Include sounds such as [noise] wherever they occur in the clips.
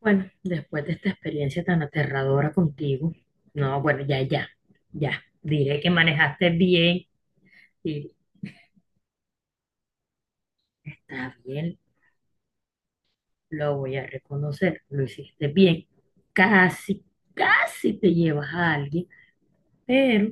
Bueno, después de esta experiencia tan aterradora contigo, no, bueno, ya, ya, ya, diré que manejaste bien y está bien, lo voy a reconocer, lo hiciste bien. Casi, casi te llevas a alguien, pero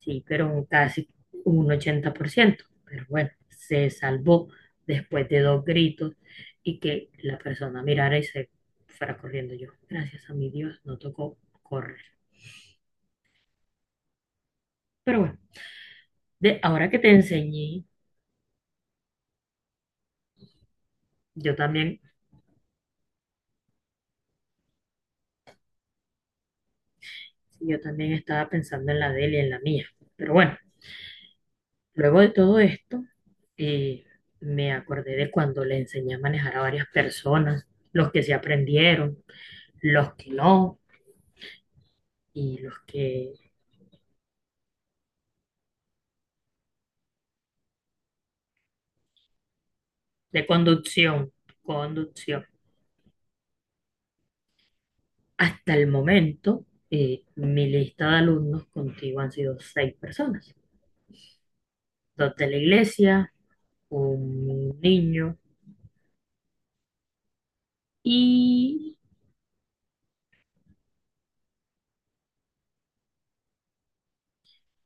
sí, pero un casi, un 80%, pero bueno, se salvó después de dos gritos y que la persona mirara y se fuera corriendo yo. Gracias a mi Dios, no tocó correr. Pero bueno, ahora que te enseñé. Yo también, sí, yo también estaba pensando en la de él y en la mía. Pero bueno, luego de todo esto, eh, me acordé de cuando le enseñé a manejar a varias personas, los que se aprendieron, los que no, y los que de conducción, conducción. Hasta el momento, mi lista de alumnos contigo han sido seis personas, dos de la iglesia, un niño y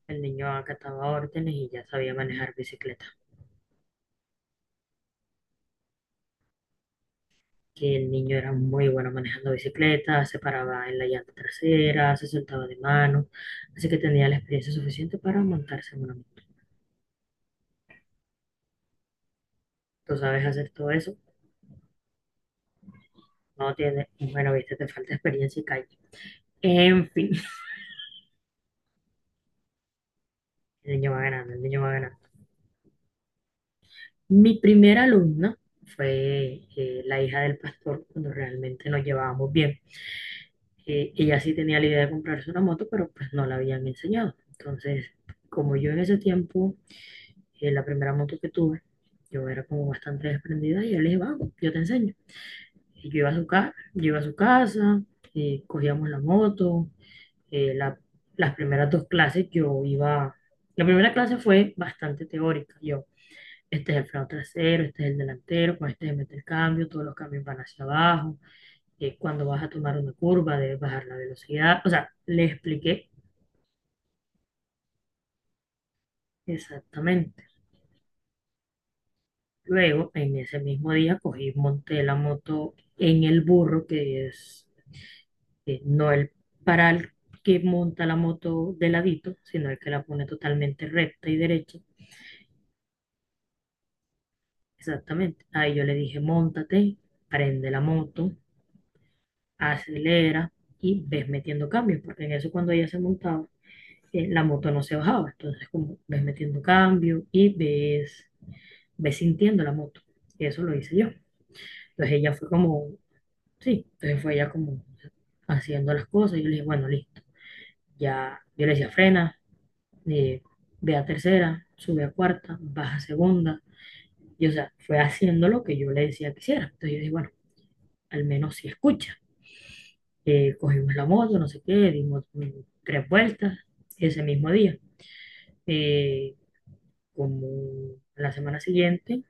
el niño acataba órdenes y ya sabía manejar bicicleta. Que el niño era muy bueno manejando bicicleta, se paraba en la llanta trasera, se soltaba de mano, así que tenía la experiencia suficiente para montarse en una moto. Tú sabes hacer todo eso, no tienes, bueno, viste, te falta experiencia y calle. En fin, [laughs] el niño va ganando, el niño va ganando. Mi primera alumna fue la hija del pastor, cuando realmente nos llevábamos bien. Ella sí tenía la idea de comprarse una moto, pero pues no la habían enseñado. Entonces, como yo en ese tiempo la primera moto que tuve, yo era como bastante desprendida y yo le dije, vamos, yo te enseño. Y yo iba a su casa, yo iba a su casa, cogíamos la moto, eh, la- las primeras dos clases yo iba, la primera clase fue bastante teórica, yo, este es el freno trasero, este es el delantero, con este se mete el cambio, todos los cambios van hacia abajo, cuando vas a tomar una curva debes bajar la velocidad, o sea, le expliqué exactamente. Luego, en ese mismo día, cogí, monté la moto en el burro, que es no el, para el que monta la moto de ladito, sino el que la pone totalmente recta y derecha. Exactamente. Ahí yo le dije, móntate, prende la moto, acelera y ves metiendo cambios, porque en eso cuando ella se montaba, la moto no se bajaba. Entonces, como ves metiendo cambio y ves, ves sintiendo la moto. Y eso lo hice yo. Entonces ella fue como sí, entonces fue ella como haciendo las cosas. Yo le dije, bueno, listo. Ya, yo le decía, frena, eh, ve a tercera, sube a cuarta, baja a segunda. Y o sea, fue haciendo lo que yo le decía que hiciera. Entonces yo dije, bueno, al menos si escucha. Cogimos la moto, no sé qué, dimos tres vueltas ese mismo día. Eh, como la semana siguiente,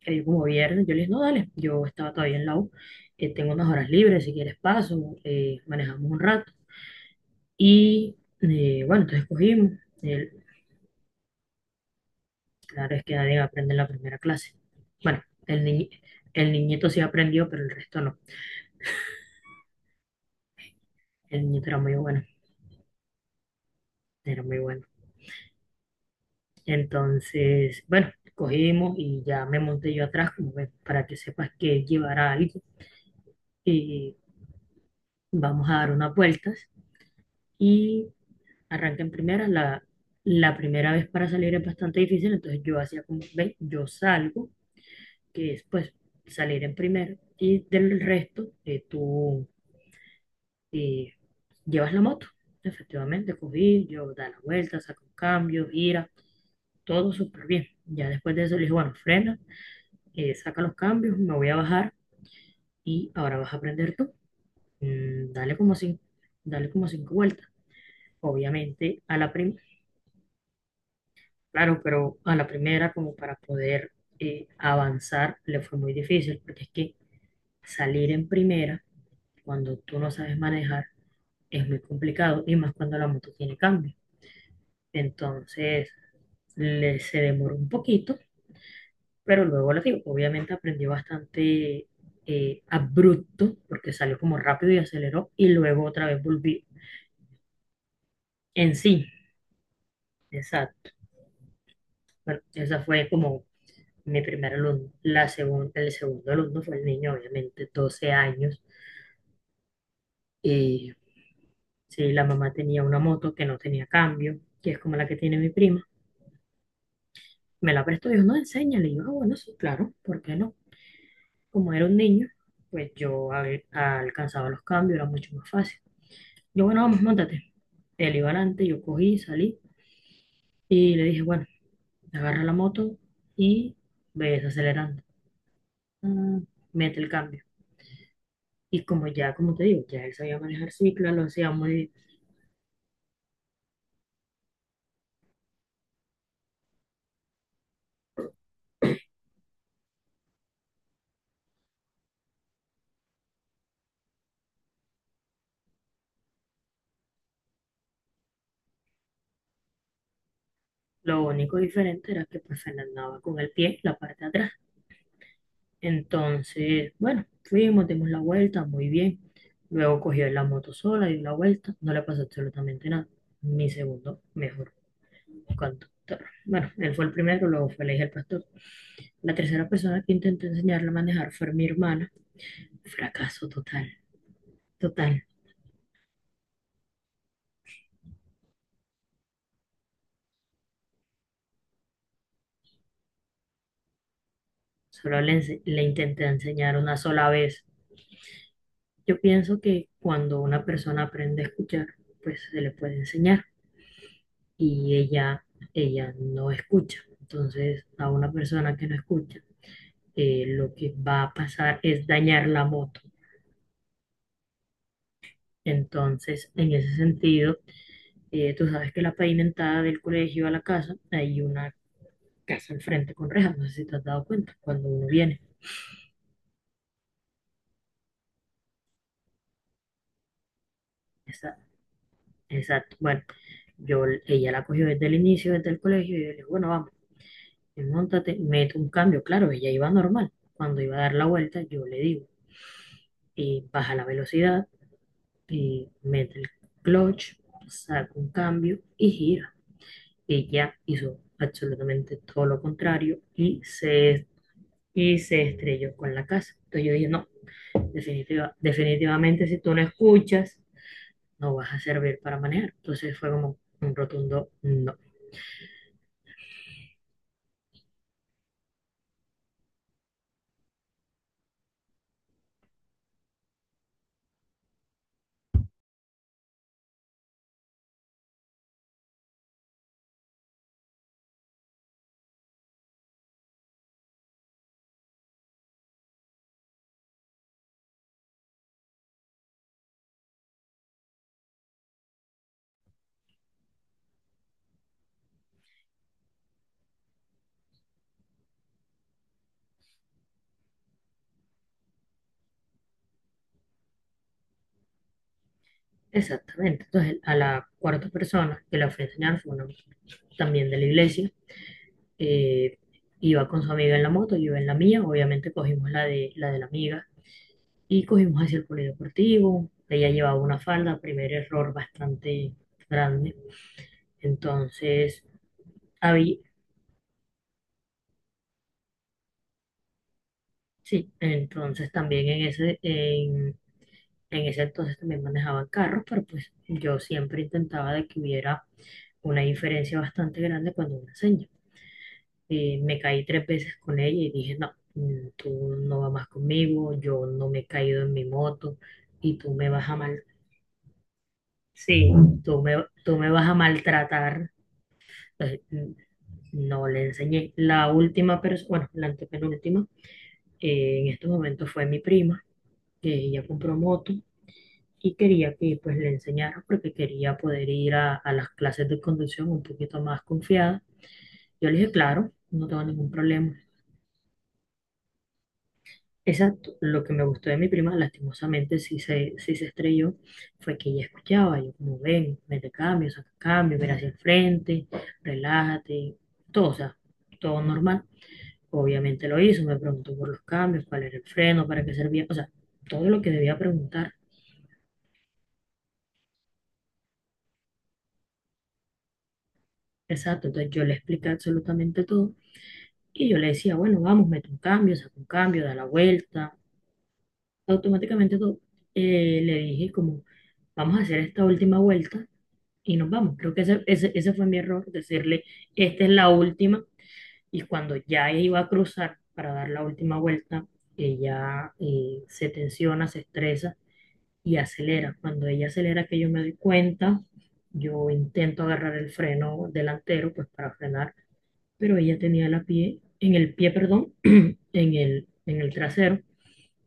que digo, como viernes, yo le dije, no, dale, yo estaba todavía en la U, tengo unas horas libres, si quieres paso, manejamos un rato. Y bueno, entonces cogimos. El- claro es que nadie aprende en la primera clase. Bueno, el niñito sí aprendió, pero el resto no. El niñito era muy bueno, era muy bueno. Entonces, bueno, cogimos y ya me monté yo atrás, como ves, para que sepas que llevará algo. Y vamos a dar unas vueltas. Y arranca en primera. La primera vez para salir es bastante difícil, entonces yo hacía como, ve, yo salgo, que es pues salir en primero y del resto tú eh, llevas la moto. Efectivamente, cogí, yo da la vuelta, saco un cambio, gira, todo súper bien. Ya después de eso le dije, bueno, frena, saca los cambios, me voy a bajar y ahora vas a aprender tú. Mm, dale como cinco, dale como cinco vueltas. Obviamente a la primera, claro, pero a la primera como para poder avanzar le fue muy difícil porque es que salir en primera cuando tú no sabes manejar es muy complicado y más cuando la moto tiene cambio. Entonces, se demoró un poquito, pero luego lo digo, obviamente aprendió bastante abrupto porque salió como rápido y aceleró y luego otra vez volvió en sí. Exacto. Bueno, esa fue como mi primer alumno. El segundo alumno fue el niño, obviamente, 12 años. Y sí, la mamá tenía una moto que no tenía cambio, que es como la que tiene mi prima. Me la prestó, dijo, no, enséñale. Y yo, ah, bueno, sí, claro, ¿por qué no? Como era un niño, pues yo alcanzaba los cambios, era mucho más fácil. Yo, bueno, vamos, montate. Él iba adelante, yo cogí, salí y le dije, bueno, agarra la moto y ves acelerando. Ah, mete el cambio. Y como ya, como te digo, ya él sabía manejar cicla, lo hacía muy bien. Lo único diferente era que pues él andaba con el pie, la parte de atrás. Entonces, bueno, fuimos, dimos la vuelta, muy bien. Luego cogió la moto sola, dio la vuelta, no le pasó absolutamente nada. Mi segundo mejor conductor. Bueno, él fue el primero, luego fue elegir el hijo del pastor. La tercera persona que intentó enseñarle a manejar fue mi hermana. Fracaso total, total. Solo le intenté enseñar una sola vez. Yo pienso que cuando una persona aprende a escuchar, pues se le puede enseñar y ella no escucha. Entonces, a una persona que no escucha, lo que va a pasar es dañar la moto. Entonces, en ese sentido, tú sabes que la pavimentada del colegio a la casa, hay una casa al frente con rejas, no sé si te has dado cuenta, cuando uno viene. Esa- Exacto. Bueno, yo, ella la cogió desde el inicio, desde el colegio, y yo le dije, bueno, vamos, montate, mete un cambio. Claro, ella iba normal. Cuando iba a dar la vuelta, yo le digo, baja la velocidad, y mete el clutch, saca un cambio y gira. Ella hizo absolutamente todo lo contrario y se estrelló con la casa. Entonces yo dije, no. Definitivamente, si tú no escuchas, no vas a servir para manejar. Entonces fue como un rotundo no. Exactamente. Entonces, a la cuarta persona que la fui a enseñar fue una también de la iglesia. eh, iba con su amiga en la moto, yo iba en la mía. Obviamente cogimos la de la amiga y cogimos hacia el polideportivo. Ella llevaba una falda, primer error bastante grande. Entonces, había, sí, entonces también en ese entonces también manejaba carros, pero pues yo siempre intentaba de que hubiera una diferencia bastante grande cuando una seña. Y me caí tres veces con ella y dije, no, tú no vas más conmigo, yo no me he caído en mi moto y tú me vas a mal, sí, tú me vas a maltratar. Entonces, no le enseñé. La última persona, bueno, la antepenúltima, en estos momentos fue mi prima, que ella compró moto y quería que pues le enseñara porque quería poder ir a las clases de conducción un poquito más confiada. Yo le dije, claro, no tengo ningún problema. Exacto, lo que me gustó de mi prima, lastimosamente sí se estrelló, fue que ella escuchaba, yo como ven, mete cambio, saca cambio, mira hacia el frente, relájate, todo, o sea, todo normal. Obviamente lo hizo, me preguntó por los cambios, cuál era el freno, para qué servía, o sea, todo lo que debía preguntar. Exacto, entonces yo le expliqué absolutamente todo. Y yo le decía, bueno, vamos, mete un cambio, saca un cambio, da la vuelta. Automáticamente le dije como, vamos a hacer esta última vuelta y nos vamos. Creo que ese fue mi error, decirle, esta es la última. Y cuando ya iba a cruzar para dar la última vuelta, ella se tensiona, se estresa y acelera. Cuando ella acelera, que yo me doy cuenta, yo intento agarrar el freno delantero, pues para frenar, pero ella tenía la pie, en el pie, perdón, en el trasero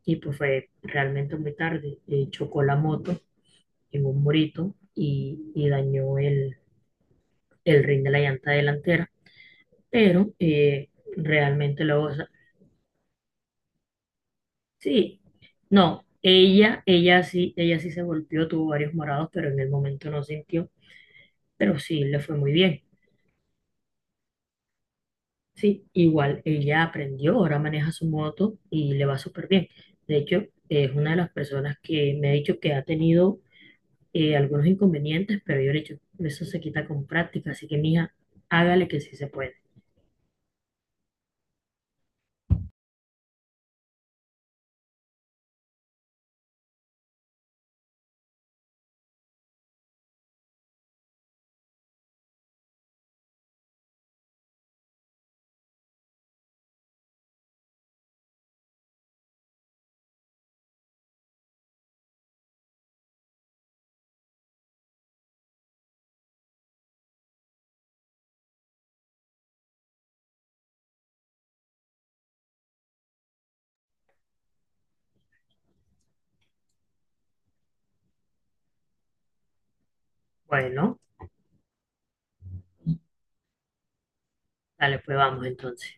y pues fue realmente muy tarde. Chocó la moto en un murito y dañó el rin de la llanta delantera, pero realmente luego, o sea, sí, no, ella sí se golpeó, tuvo varios morados, pero en el momento no sintió, pero sí le fue muy bien. Sí, igual ella aprendió, ahora maneja su moto y le va súper bien. De hecho, es una de las personas que me ha dicho que ha tenido algunos inconvenientes, pero yo le he dicho, eso se quita con práctica, así que mija, hágale que sí se puede. Bueno, dale, pues vamos entonces.